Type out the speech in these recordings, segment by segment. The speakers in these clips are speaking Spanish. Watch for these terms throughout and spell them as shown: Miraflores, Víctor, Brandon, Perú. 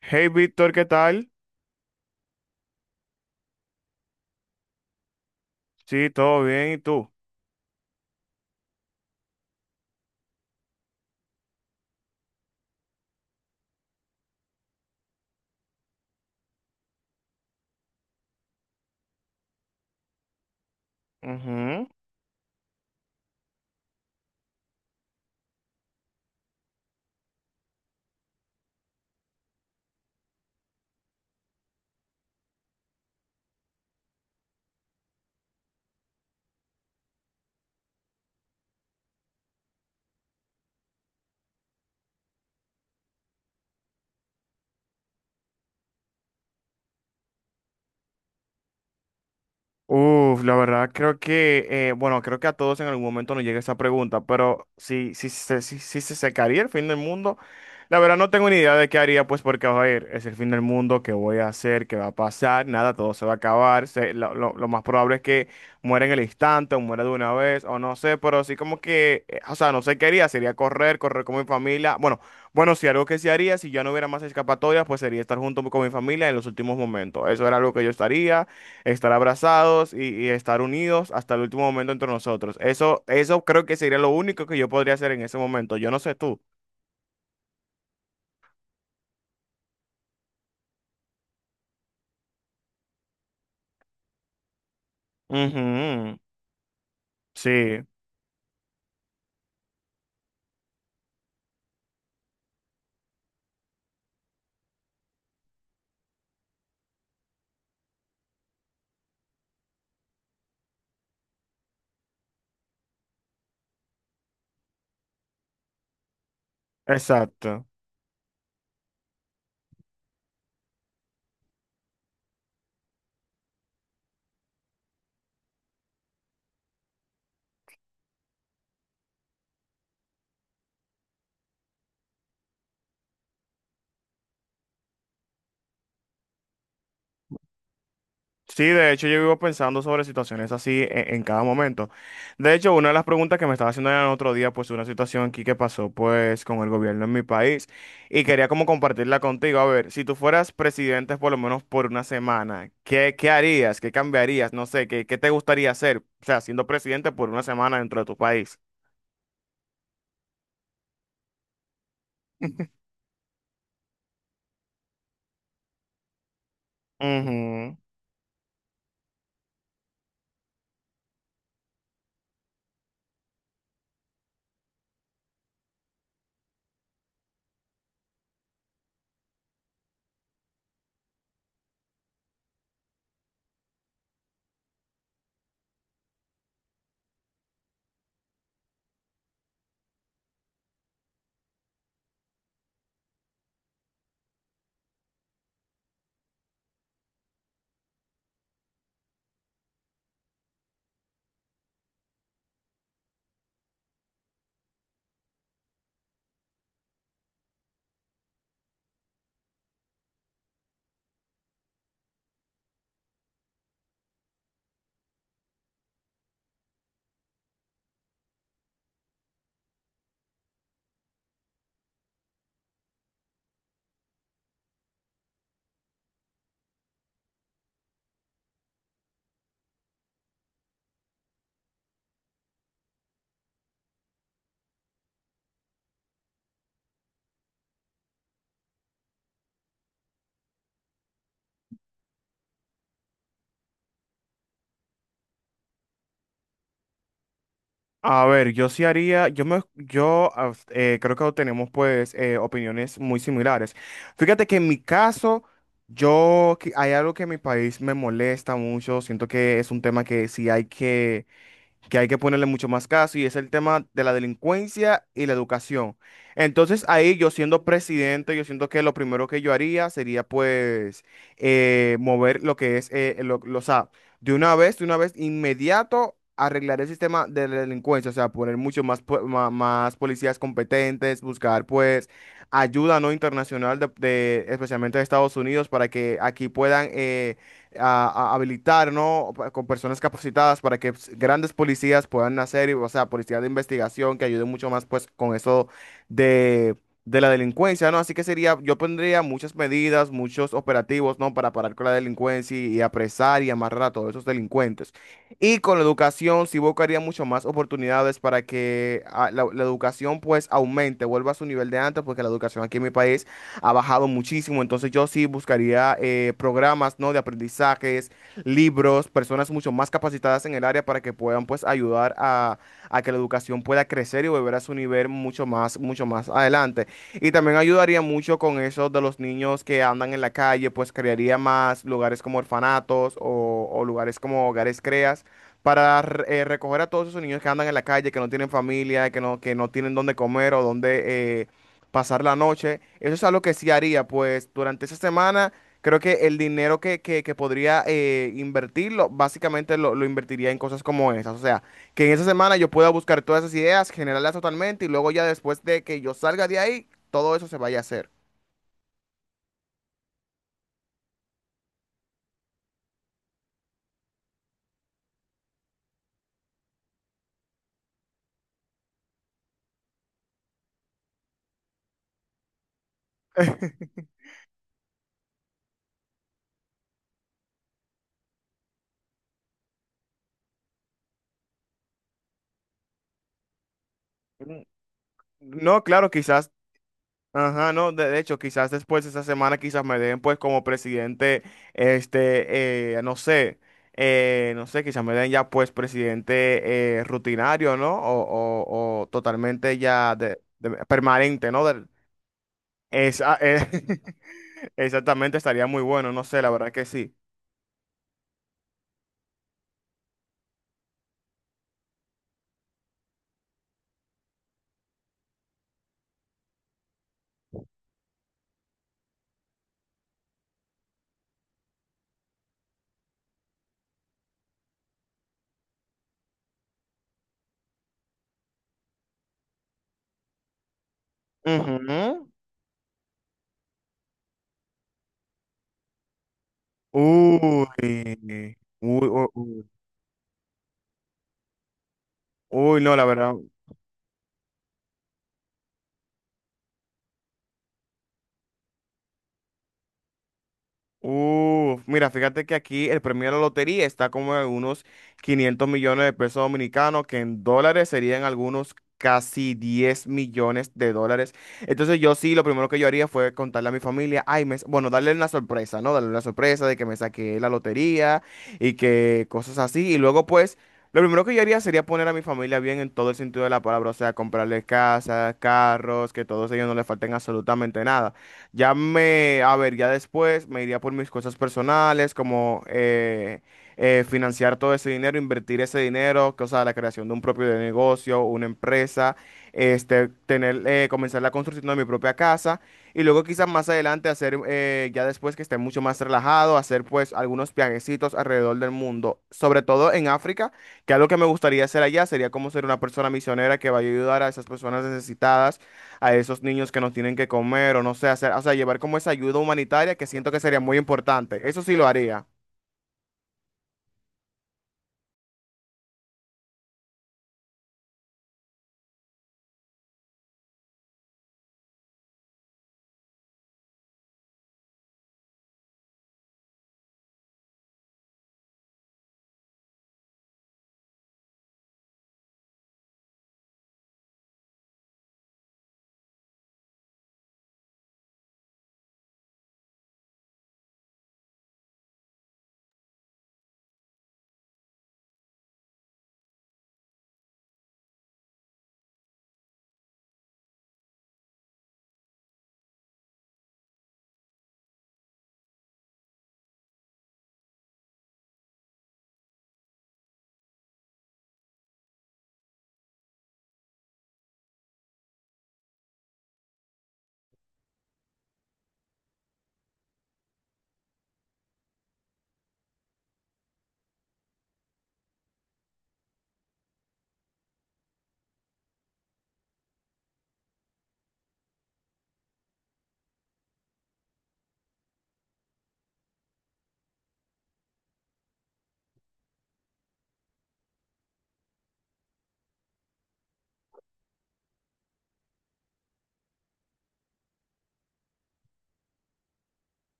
Hey Víctor, ¿qué tal? Sí, todo bien, ¿y tú? Ujú. Uf, la verdad creo que, bueno, creo que a todos en algún momento nos llega esa pregunta, pero si se secaría el fin del mundo, la verdad no tengo ni idea de qué haría, pues porque, a ver, es el fin del mundo, qué voy a hacer, qué va a pasar, nada, todo se va a acabar, lo más probable es que muera en el instante o muera de una vez, o no sé, pero sí como que, o sea, no sé qué haría, sería correr, correr con mi familia, bueno, bueno, si algo que sí haría, si ya no hubiera más escapatorias, pues sería estar junto con mi familia en los últimos momentos, eso era algo que yo estaría estar abrazados y estar unidos hasta el último momento entre nosotros. Eso creo que sería lo único que yo podría hacer en ese momento. Yo no sé tú. Ujú. Sí, exacto. Sí, de hecho yo vivo pensando sobre situaciones así en cada momento. De hecho, una de las preguntas que me estaba haciendo el otro día, pues una situación aquí que pasó pues con el gobierno en mi país y quería como compartirla contigo. A ver, si tú fueras presidente por lo menos por una semana, ¿qué, qué harías? ¿Qué cambiarías? No sé, ¿qué, qué te gustaría hacer? O sea, siendo presidente por una semana dentro de tu país. A ver, yo sí haría, yo me, yo creo que tenemos pues opiniones muy similares. Fíjate que en mi caso, yo que- hay algo que en mi país me molesta mucho. Siento que es un tema que sí hay que ponerle mucho más caso y es el tema de la delincuencia y la educación. Entonces ahí yo siendo presidente, yo siento que lo primero que yo haría sería pues mover lo que es, o sea, de una vez, inmediato arreglar el sistema de la delincuencia, o sea, poner mucho más, más policías competentes, buscar pues ayuda no internacional especialmente de Estados Unidos para que aquí puedan a habilitar, ¿no? Pa- Con personas capacitadas para que pues, grandes policías puedan hacer, o sea, policías de investigación que ayuden mucho más, pues, con eso de, de la delincuencia, ¿no? Así que sería, yo pondría muchas medidas, muchos operativos, ¿no? Para parar con la delincuencia y apresar y amarrar a todos esos delincuentes. Y con la educación, sí buscaría mucho más oportunidades para que ah, la educación, pues, aumente, vuelva a su nivel de antes, porque la educación aquí en mi país ha bajado muchísimo. Entonces yo sí buscaría programas, ¿no? De aprendizajes, libros, personas mucho más capacitadas en el área para que puedan pues ayudar a que la educación pueda crecer y volver a su nivel mucho más adelante. Y también ayudaría mucho con eso de los niños que andan en la calle, pues crearía más lugares como orfanatos o lugares como hogares creas para recoger a todos esos niños que andan en la calle, que no tienen familia, que no tienen dónde comer o dónde pasar la noche. Eso es algo que sí haría, pues durante esa semana creo que el dinero que podría invertirlo, básicamente lo invertiría en cosas como esas. O sea, que en esa semana yo pueda buscar todas esas ideas, generarlas totalmente y luego ya después de que yo salga de ahí, todo eso se vaya a hacer. No, claro, quizás. Ajá, no, de hecho, quizás después de esa semana quizás me den pues como presidente, no sé, no sé, quizás me den ya pues presidente rutinario, ¿no? O, o totalmente ya de- permanente, ¿no? Del- esa, exactamente, estaría muy bueno, no sé, la verdad que sí. Ujú. Uy, uy, uy, uy, uy, no, la verdad. Uf, mira, fíjate que aquí el premio de la lotería está como en unos 500 millones de pesos dominicanos, que en dólares serían algunos casi 10 millones de dólares. Entonces yo sí, lo primero que yo haría fue contarle a mi familia, ay, me, bueno, darle una sorpresa, ¿no? Darle una sorpresa de que me saqué la lotería y que cosas así. Y luego pues, lo primero que yo haría sería poner a mi familia bien en todo el sentido de la palabra, o sea, comprarle casas, carros, que todos ellos no les falten absolutamente nada. Ya me, a ver, ya después me iría por mis cosas personales, como financiar todo ese dinero, invertir ese dinero, que, o sea, la creación de un propio negocio, una empresa, tener, comenzar la construcción de mi propia casa y luego quizás más adelante hacer, ya después que esté mucho más relajado, hacer pues algunos viajecitos alrededor del mundo, sobre todo en África, que algo que me gustaría hacer allá sería como ser una persona misionera que vaya a ayudar a esas personas necesitadas a esos niños que nos tienen que comer o no sé, hacer, o sea, llevar como esa ayuda humanitaria que siento que sería muy importante. Eso sí lo haría.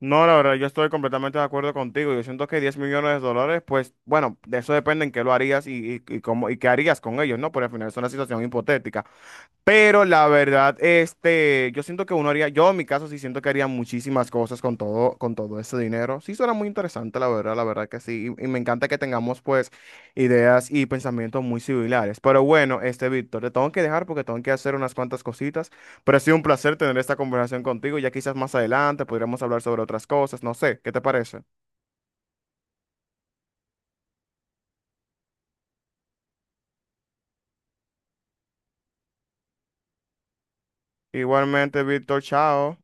No, la verdad, yo estoy completamente de acuerdo contigo. Yo siento que $10 millones, pues, bueno, de eso depende en qué lo harías y cómo, y qué harías con ellos, ¿no? Porque al final es una situación hipotética. Pero la verdad, yo siento que uno haría, yo en mi caso sí siento que haría muchísimas cosas con todo ese dinero. Sí suena muy interesante, la verdad que sí. Y me encanta que tengamos pues ideas y pensamientos muy similares. Pero bueno, Víctor, te tengo que dejar porque tengo que hacer unas cuantas cositas. Pero ha sido un placer tener esta conversación contigo. Ya quizás más adelante podríamos hablar sobre otras cosas, no sé, ¿qué te parece? Igualmente, Víctor, chao.